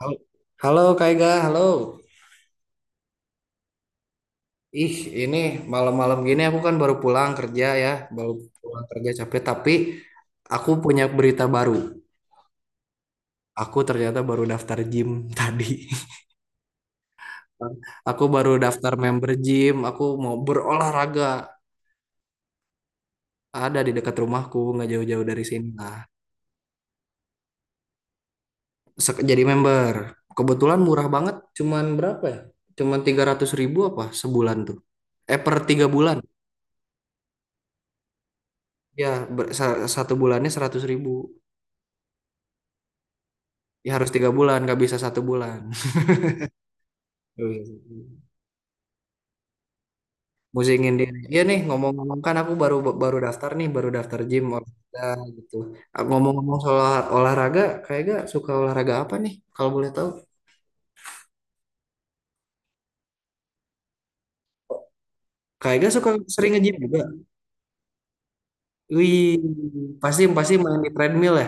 Hal- Halo Kak Ega, halo. Ih, ini malam-malam gini aku kan baru pulang kerja ya, baru pulang kerja capek, tapi aku punya berita baru. Aku ternyata baru daftar gym tadi. Aku baru daftar member gym, aku mau berolahraga. Ada di dekat rumahku, nggak jauh-jauh dari sini lah. Jadi member. Kebetulan murah banget, cuman berapa ya? Cuman 300 ribu apa sebulan tuh? Per tiga bulan. Ya, satu bulannya 100 ribu. Ya harus tiga bulan nggak bisa satu bulan. Nggak bisa musingin diri ya nih, ngomong-ngomong kan aku baru baru daftar nih, baru daftar gym olahraga gitu. Ah, ngomong-ngomong soal olahraga, kayaknya suka olahraga apa nih kalau boleh tahu? Kayaknya suka sering nge-gym juga. Wih, pasti pasti main di treadmill ya,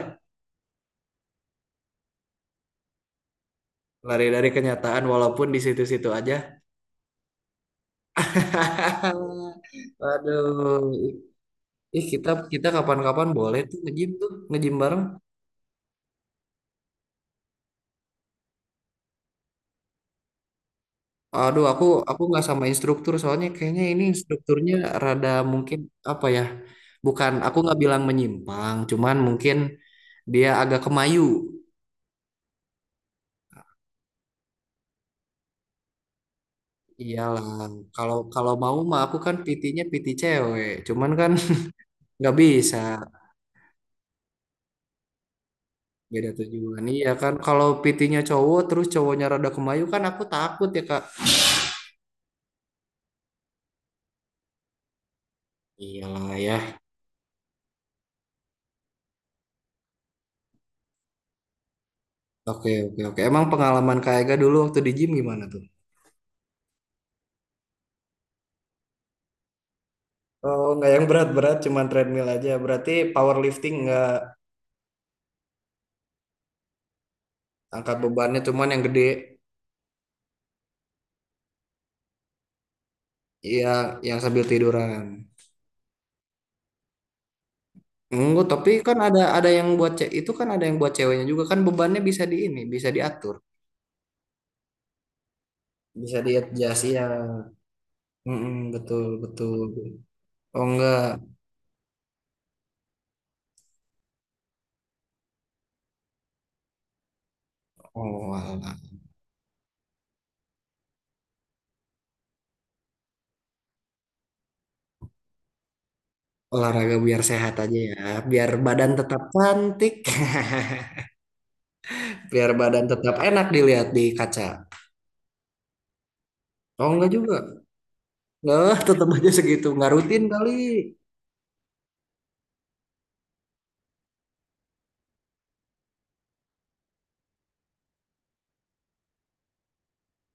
lari dari kenyataan walaupun di situ-situ aja. Waduh, ih, kita kita kapan-kapan boleh tuh nge-gym, tuh nge-gym bareng. Aduh, aku nggak sama instruktur soalnya kayaknya ini instrukturnya rada mungkin, apa ya? Bukan, aku nggak bilang menyimpang, cuman mungkin dia agak kemayu. Iyalah, kalau kalau mau mah aku kan PT-nya PT cewek, cuman kan, nggak bisa beda tujuan. Iya kan, kalau PT-nya cowok terus cowoknya rada kemayu kan aku takut ya, Kak. Iyalah ya. Oke, oke, oke. Emang pengalaman Kak Ega dulu waktu di gym gimana tuh? Oh, nggak yang berat-berat, cuman treadmill aja. Berarti powerlifting nggak, angkat bebannya cuman yang gede, ya yang sambil tiduran. Enggak, tapi kan ada yang buat cewek itu, kan ada yang buat ceweknya juga kan bebannya bisa di ini, bisa diatur, bisa di-adjust ya. Mm-mm, betul betul. Oh, enggak. Oh, alah. Olahraga biar sehat aja ya, biar badan tetap cantik. Biar badan tetap enak dilihat di kaca. Oh, enggak juga, enggak, tetap aja segitu, nggak rutin kali.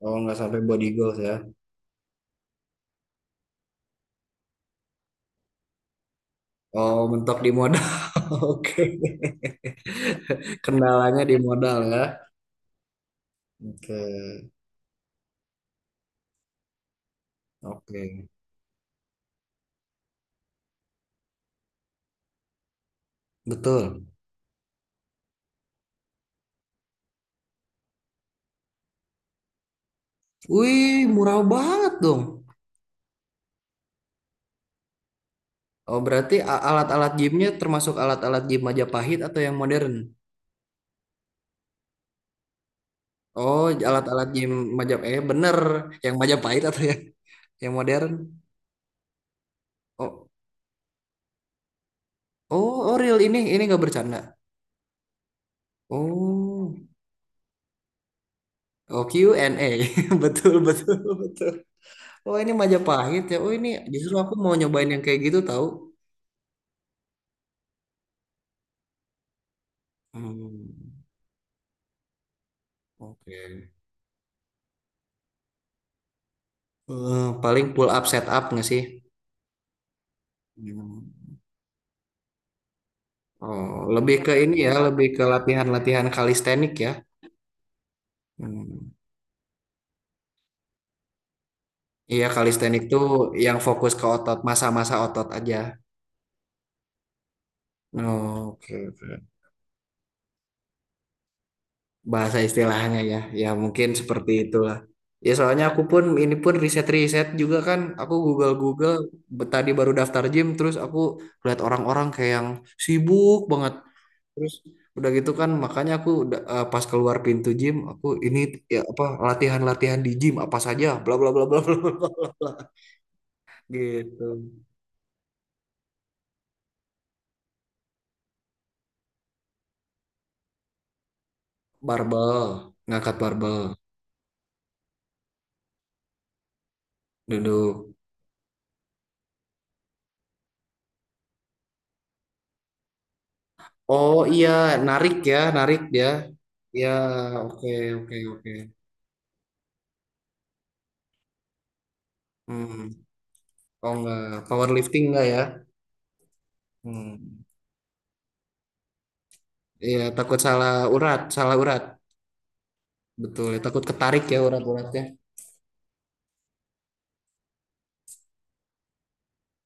Oh, enggak sampai body goals ya. Oh, mentok di modal. Oke. Kendalanya di modal ya. Oke. Oke. Betul. Wih, murah banget dong. Oh, berarti alat-alat gymnya termasuk alat-alat gym Majapahit atau yang modern? Oh, alat-alat gym majap. Eh, bener. Yang Majapahit atau yang modern? Oh, oh, oh, real ini. Ini nggak bercanda. Oh, oh, Q&A. Betul, betul, betul. Oh ini Majapahit ya. Oh ini justru aku mau nyobain yang kayak gitu tahu. Hmm, oke. Eh, paling pull up set up nggak sih? Hmm. Oh, lebih ke ini ya, lebih ke latihan-latihan kalistenik ya. Hmm. Iya, kalistenik tuh yang fokus ke otot, masa-masa otot aja. Oh, oke, oke. Bahasa istilahnya ya, ya mungkin seperti itulah. Ya soalnya aku pun ini pun riset-riset juga kan, aku Google-Google, tadi baru daftar gym terus aku lihat orang-orang kayak yang sibuk banget, terus udah gitu kan makanya aku udah, pas keluar pintu gym aku ini, ya apa latihan-latihan di gym apa saja, bla bla bla bla bla bla bla bla. Gitu. Barbel, ngangkat barbel duduk. Oh iya, narik ya, narik ya, ya oke, oke, oke. Hmm, oh nggak, powerlifting nggak ya? Hmm, iya takut salah urat, betul. Ya. Takut ketarik ya urat-uratnya.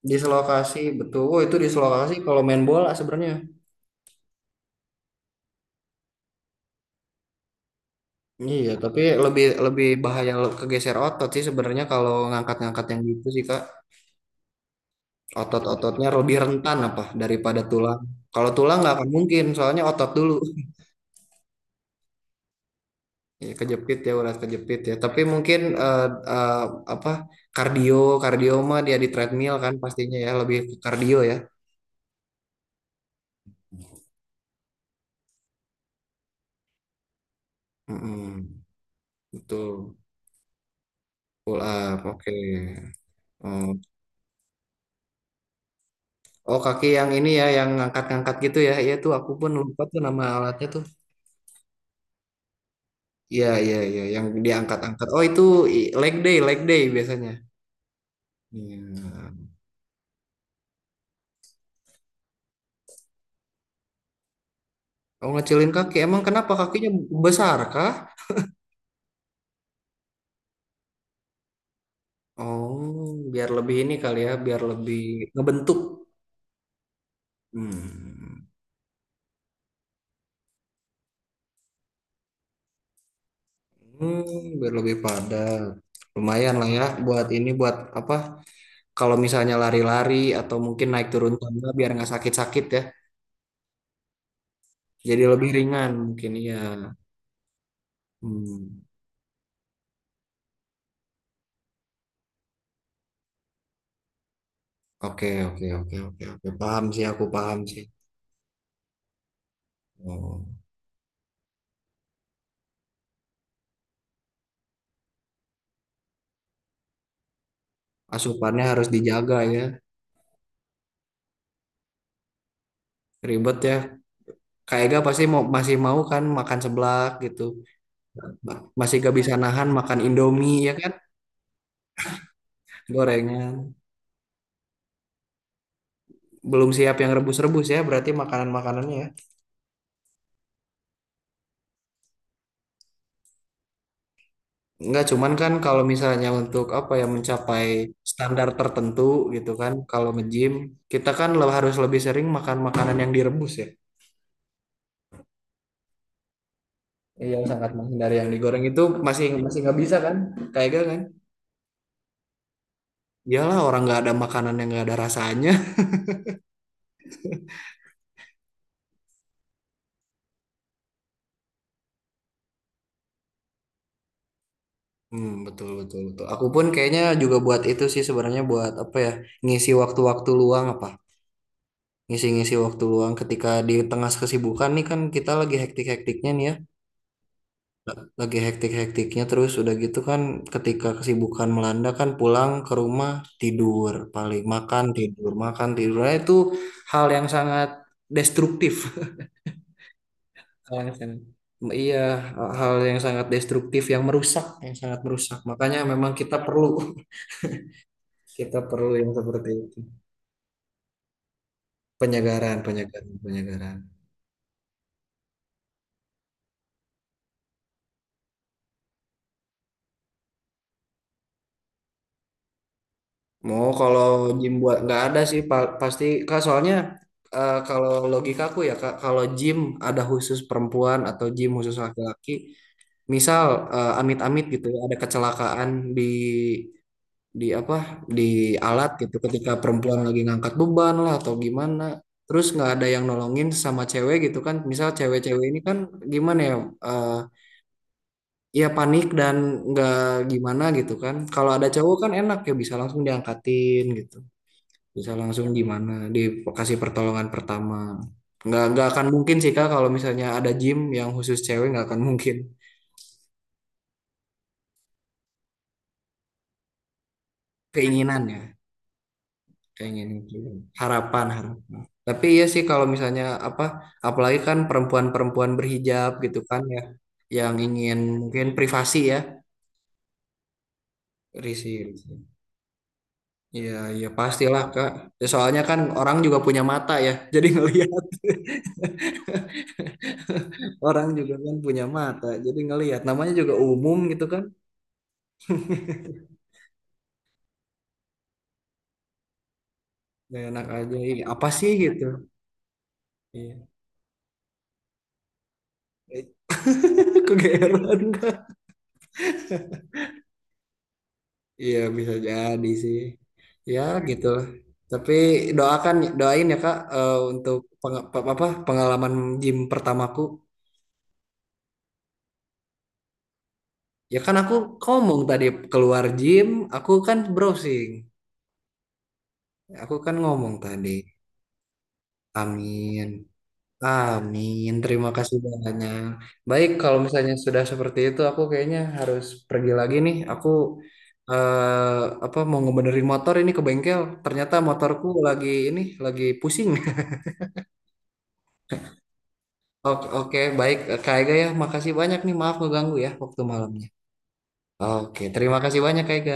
Dislokasi, betul. Oh itu dislokasi kalau main bola sebenarnya. Iya, tapi lebih lebih bahaya, kegeser otot sih sebenarnya kalau ngangkat-ngangkat yang gitu sih, Kak. Otot-ototnya lebih rentan apa daripada tulang. Kalau tulang nggak akan mungkin, soalnya otot dulu. Iya kejepit ya, urat kejepit ya. Tapi mungkin eh, apa kardio, kardio mah dia di treadmill kan pastinya ya, lebih ke kardio ya. Mm-mm, betul. Pull up. Oke. Oh, oh, kaki yang ini ya yang ngangkat-ngangkat gitu ya. Iya tuh aku pun lupa tuh nama alatnya tuh. Iya iya iya, yang diangkat-angkat. Oh itu leg day, leg day biasanya. Iya. Oh, ngecilin kaki. Emang kenapa kakinya besar kah? Oh biar lebih ini kali ya, biar lebih ngebentuk. Hmm. Hmm, biar lebih padat. Lumayan lah ya buat ini, buat apa? Kalau misalnya lari-lari atau mungkin naik turun tangga biar nggak sakit-sakit ya. Jadi lebih ringan mungkin ya. Hmm. Oke, oke, oke, oke, oke. Paham sih, aku paham sih. Oh. Asupannya harus dijaga ya. Ribet ya. Kak Ega pasti mau masih mau kan makan seblak gitu. Masih gak bisa nahan makan Indomie ya kan? Gorengan. Belum siap yang rebus-rebus ya berarti makanan-makanannya ya. Enggak, cuman kan kalau misalnya untuk apa ya, mencapai standar tertentu gitu kan, kalau nge-gym kita kan harus lebih sering makan makanan yang direbus ya. Iya, sangat menghindari yang digoreng itu masih, masih nggak bisa kan, kayak gitu kan? Iyalah, orang nggak ada makanan yang nggak ada rasanya. Hmm, betul betul betul. Aku pun kayaknya juga buat itu sih sebenarnya, buat apa ya, ngisi waktu-waktu luang apa, ngisi-ngisi waktu luang ketika di tengah kesibukan nih kan, kita lagi hektik-hektiknya nih ya, lagi hektik-hektiknya terus udah gitu kan, ketika kesibukan melanda kan pulang ke rumah tidur, paling makan tidur, makan tidur. Nah, itu hal yang sangat destruktif. Hal yang sangat-, iya, hal yang sangat destruktif, yang merusak, yang sangat merusak, makanya memang kita perlu. Kita perlu yang seperti itu, penyegaran, penyegaran, penyegaran. Mau, kalau gym buat, nggak ada sih, pasti Kak, soalnya kalau logika aku ya Kak, kalau gym ada khusus perempuan atau gym khusus laki-laki, misal, amit-amit gitu ya, ada kecelakaan di di apa, di alat gitu ketika perempuan lagi ngangkat beban lah atau gimana, terus nggak ada yang nolongin, sama cewek gitu kan, misal cewek-cewek ini kan gimana ya, eh, ya panik dan nggak gimana gitu kan, kalau ada cowok kan enak ya, bisa langsung diangkatin gitu, bisa langsung gimana, dikasih pertolongan pertama, nggak akan mungkin sih Kak kalau misalnya ada gym yang khusus cewek, nggak akan mungkin. Keinginan ya, keinginan, harapan, harapan. Tapi iya sih, kalau misalnya apa, apalagi kan perempuan-perempuan berhijab gitu kan ya, yang ingin mungkin privasi ya, risih. Iya, iya pastilah, Kak. Ya, soalnya kan orang juga punya mata ya, jadi ngelihat. Orang juga kan punya mata, jadi ngelihat. Namanya juga umum gitu kan. Gak enak aja. Ih, apa sih gitu? Iya. Kegeeran, Kak. Iya bisa jadi sih. Ya gitu. Lah. Tapi doakan, doain ya Kak, untuk apa pengalaman gym pertamaku. Ya kan aku ngomong tadi keluar gym, aku kan browsing. Aku kan ngomong tadi, amin, amin, terima kasih banyak. Baik, kalau misalnya sudah seperti itu, aku kayaknya harus pergi lagi nih. Aku eh, apa mau ngebenerin motor ini ke bengkel. Ternyata motorku lagi ini lagi pusing. Oke, oke, baik, Kak Ega ya, makasih banyak nih. Maaf ngeganggu ya waktu malamnya. Oke, terima kasih banyak Kak Ega.